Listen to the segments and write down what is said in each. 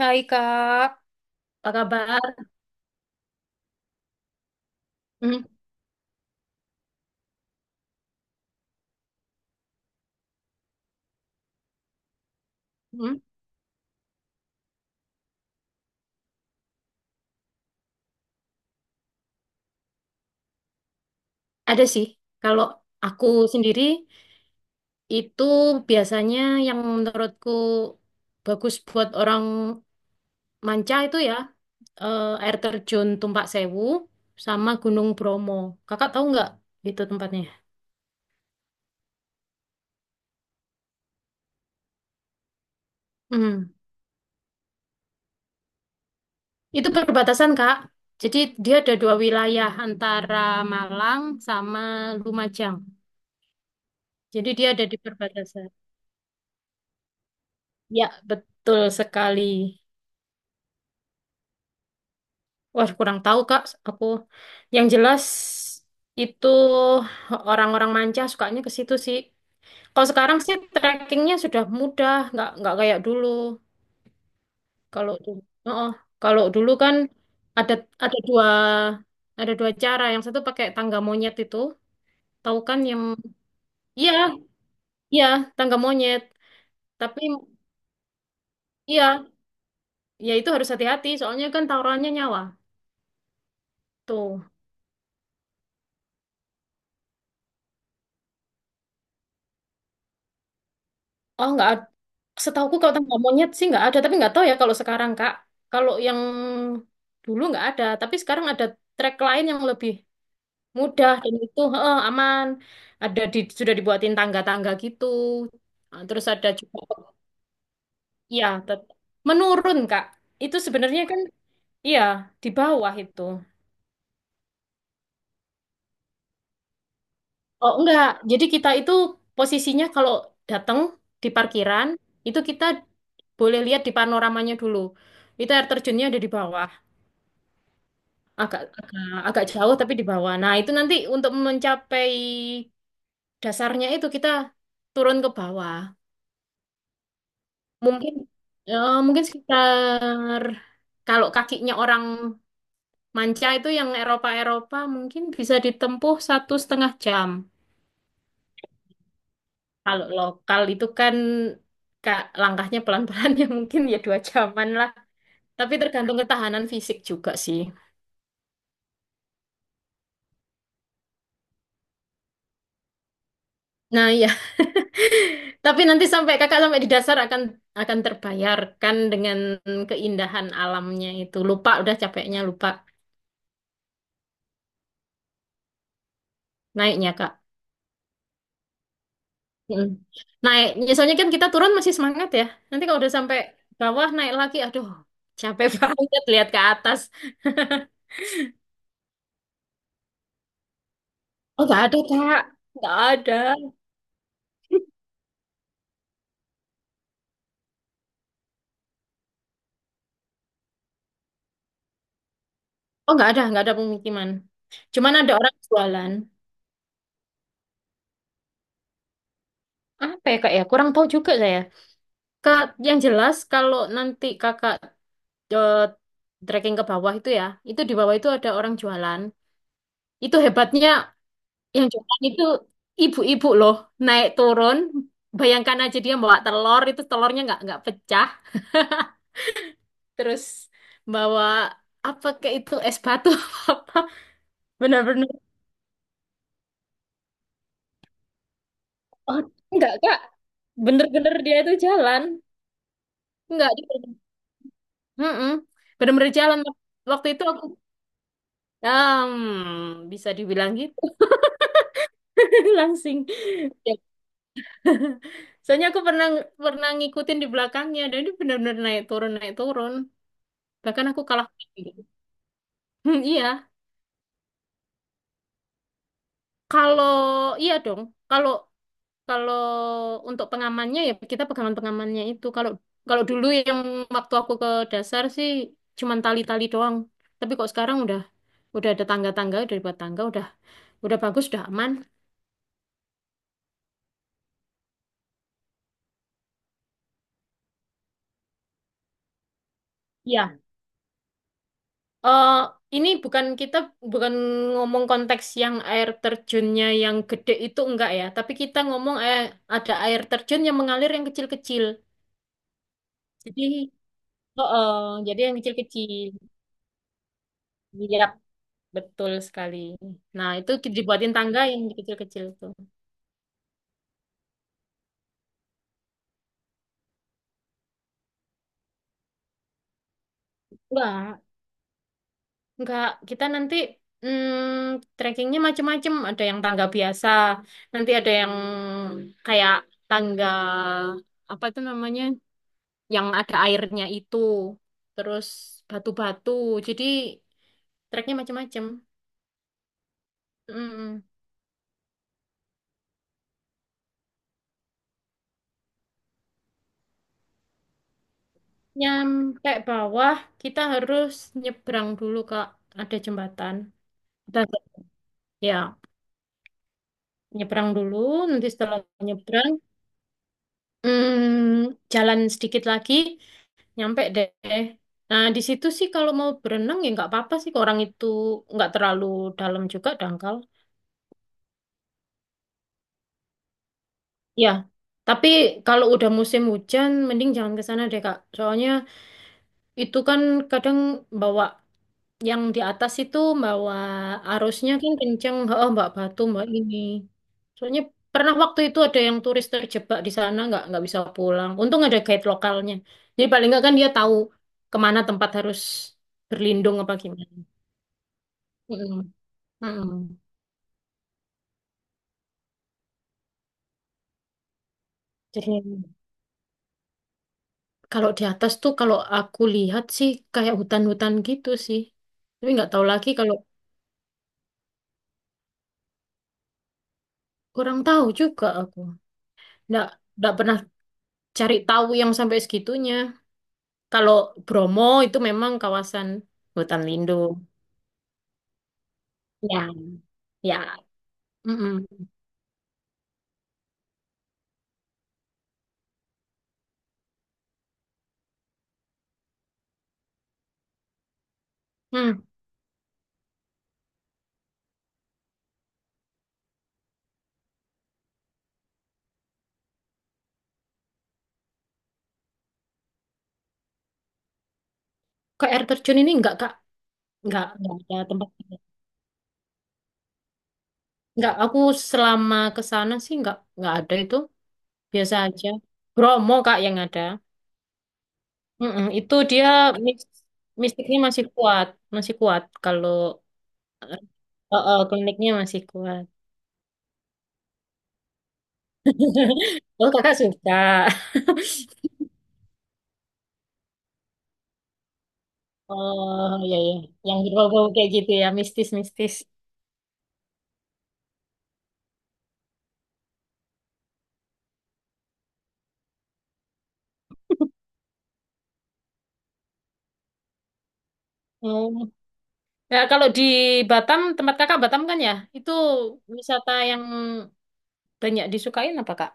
Hai Kak, apa kabar? Hmm, hmm. Ada sih. Kalau aku sendiri itu biasanya yang menurutku bagus buat orang manca itu ya air terjun Tumpak Sewu sama Gunung Bromo. Kakak tahu nggak itu tempatnya? Hmm. Itu perbatasan Kak. Jadi dia ada dua wilayah antara Malang sama Lumajang. Jadi dia ada di perbatasan. Ya, betul sekali. Wah, kurang tahu, Kak. Aku yang jelas itu orang-orang manca sukanya ke situ sih. Kalau sekarang sih trekkingnya sudah mudah, nggak kayak dulu. Kalau dulu, oh, kalau dulu kan ada ada ada dua cara. Yang satu pakai tangga monyet itu, tahu kan yang iya iya tangga monyet. Tapi iya, ya itu harus hati-hati. Soalnya kan taruhannya nyawa. Tuh, oh nggak. Setauku kalau tangga monyet sih nggak ada, tapi nggak tahu ya kalau sekarang Kak. Kalau yang dulu nggak ada, tapi sekarang ada trek lain yang lebih mudah dan itu heeh, aman. Ada di, sudah dibuatin tangga-tangga gitu. Nah, terus ada juga, iya, tet- menurun Kak. Itu sebenarnya kan, iya di bawah itu. Oh enggak, jadi kita itu posisinya kalau datang di parkiran itu kita boleh lihat di panoramanya dulu. Itu air terjunnya ada di bawah. Agak agak agak jauh tapi di bawah. Nah, itu nanti untuk mencapai dasarnya itu kita turun ke bawah. Mungkin mungkin sekitar kalau kakinya orang manca itu yang Eropa-Eropa mungkin bisa ditempuh satu setengah jam. Kalau lokal itu kan Kak, langkahnya pelan-pelan ya mungkin ya dua jaman lah. Tapi tergantung ketahanan fisik juga sih. Nah, ya. Tapi nanti sampai kakak sampai di dasar akan terbayarkan dengan keindahan alamnya itu. Lupa udah capeknya lupa naiknya kak. Mm. Naik, biasanya kan kita turun masih semangat ya. Nanti kalau udah sampai bawah naik lagi, aduh capek banget lihat ke atas. Oh nggak ada kak, nggak ada. Oh nggak ada pemukiman. Cuman ada orang jualan. Apa ya kak ya? Kurang tahu juga saya. Kak, yang jelas kalau nanti kakak eh, trekking ke bawah itu ya, itu di bawah itu ada orang jualan. Itu hebatnya yang jualan itu ibu-ibu loh, naik turun. Bayangkan aja dia bawa telur, itu telurnya nggak pecah. Terus bawa apa ke itu es batu apa? Bener-bener. Oh, enggak kak, bener-bener dia itu jalan. Enggak, dia mm-mm, bener-bener jalan. Waktu itu aku, hmm, bisa dibilang gitu, langsing. Ya. Soalnya aku pernah pernah ngikutin di belakangnya dan dia benar-benar naik turun naik turun. Bahkan aku kalah. Hmm, iya. Kalau iya dong. Kalau kalau untuk pengamannya ya kita pegangan pengamannya itu. Kalau kalau dulu yang waktu aku ke dasar sih cuman tali-tali doang. Tapi kok sekarang udah ada tangga-tangga, udah dibuat tangga, udah bagus, udah aman. Iya eh ini bukan kita bukan ngomong konteks yang air terjunnya yang gede itu enggak ya, tapi kita ngomong ada air terjun yang mengalir yang kecil-kecil. Jadi, oh, oh, jadi yang kecil-kecil. Iya, betul sekali. Nah, itu ki- dibuatin tangga yang kecil-kecil itu. Enggak, enggak. Kita nanti hmm, trekkingnya macem-macem. Ada yang tangga biasa, nanti ada yang kayak tangga apa itu namanya? Yang ada airnya itu terus batu-batu jadi treknya macam-macam. Mm. Nyampe bawah kita harus nyebrang dulu Kak, ada jembatan, kita ya nyebrang dulu nanti setelah nyebrang jalan sedikit lagi nyampe deh. Nah di situ sih kalau mau berenang ya nggak apa-apa sih, orang itu nggak terlalu dalam juga, dangkal ya. Tapi kalau udah musim hujan, mending jangan ke sana deh, Kak. Soalnya itu kan kadang bawa yang di atas itu bawa arusnya kan kenceng, oh, Mbak Batu, Mbak ini. Soalnya pernah waktu itu ada yang turis terjebak di sana nggak bisa pulang. Untung ada guide lokalnya. Jadi paling nggak kan dia tahu kemana tempat harus berlindung apa gimana. Mm-mm. Mm-mm. Jadi kalau di atas tuh kalau aku lihat sih kayak hutan-hutan gitu sih. Tapi nggak tahu lagi kalau kurang tahu juga aku. Nggak, nggak pernah cari tahu yang sampai segitunya. Kalau Bromo itu memang kawasan hutan lindung. Ya, ya. Mm-mm. Hmm, ke air terjun ini enggak, Kak. Enggak ada tempat. Enggak, aku selama ke sana sih enggak ada itu. Biasa aja. Bromo, Kak, yang ada. Mm-mm, itu dia mis- mistiknya masih kuat. Masih kuat kalau kliniknya masih kuat. Oh, Kakak suka. Oh iya iya, yang berbau kayak gitu ya, mistis-mistis. Hmm. Ya kalau di Batam, tempat kakak Batam kan ya, itu wisata yang banyak disukain apa kak?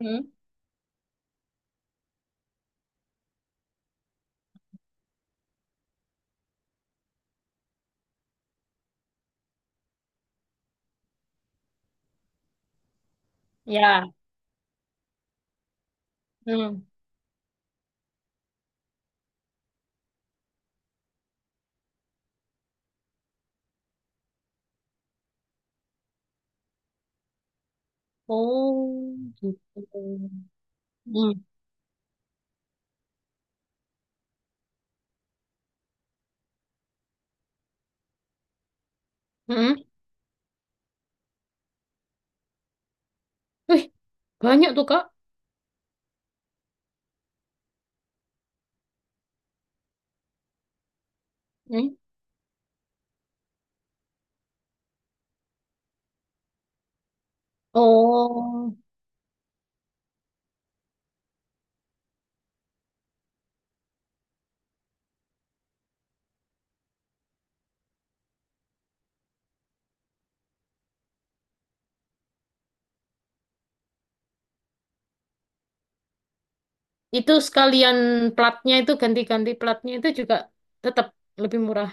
Hmm. Ya. Hmm. Oh gitu. Hmm. Hmm. Wih banyak tuh kak. Hmm. Oh itu sekalian platnya itu ganti-ganti platnya itu juga tetap lebih murah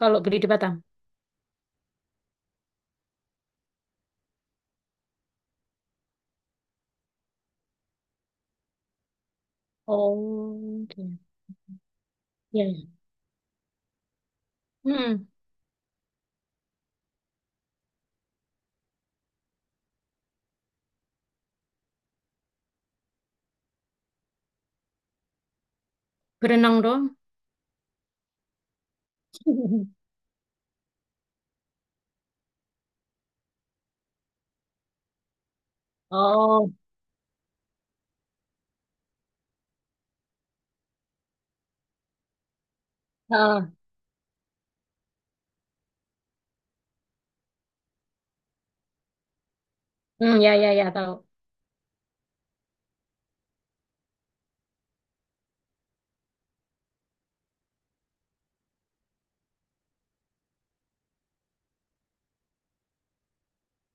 kalau beli di Batam. Oh, gitu. Ya, ya. Hmm. Berenang dong. Oh, heeh. Hmm, ya, ya, ya, tahu.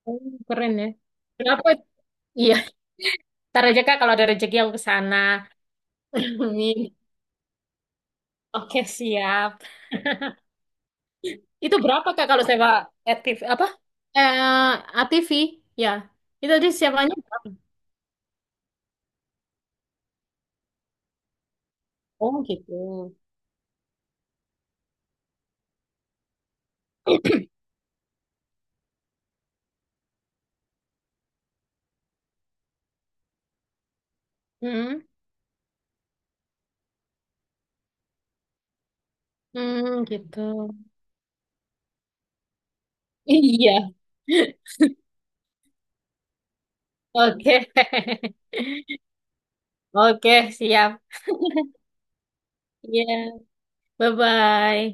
Oh, keren ya. Kenapa? Iya, ntar aja Kak kalau ada rezeki aku ke sana. Amin. Oke, siap. Itu berapa Kak kalau sewa aktif apa? Eh, ATV, ya. Itu tadi sewanya berapa? Oh, gitu. Hmm, hmm, gitu. Iya. Oke. Oke, siap. Iya. Bye-bye.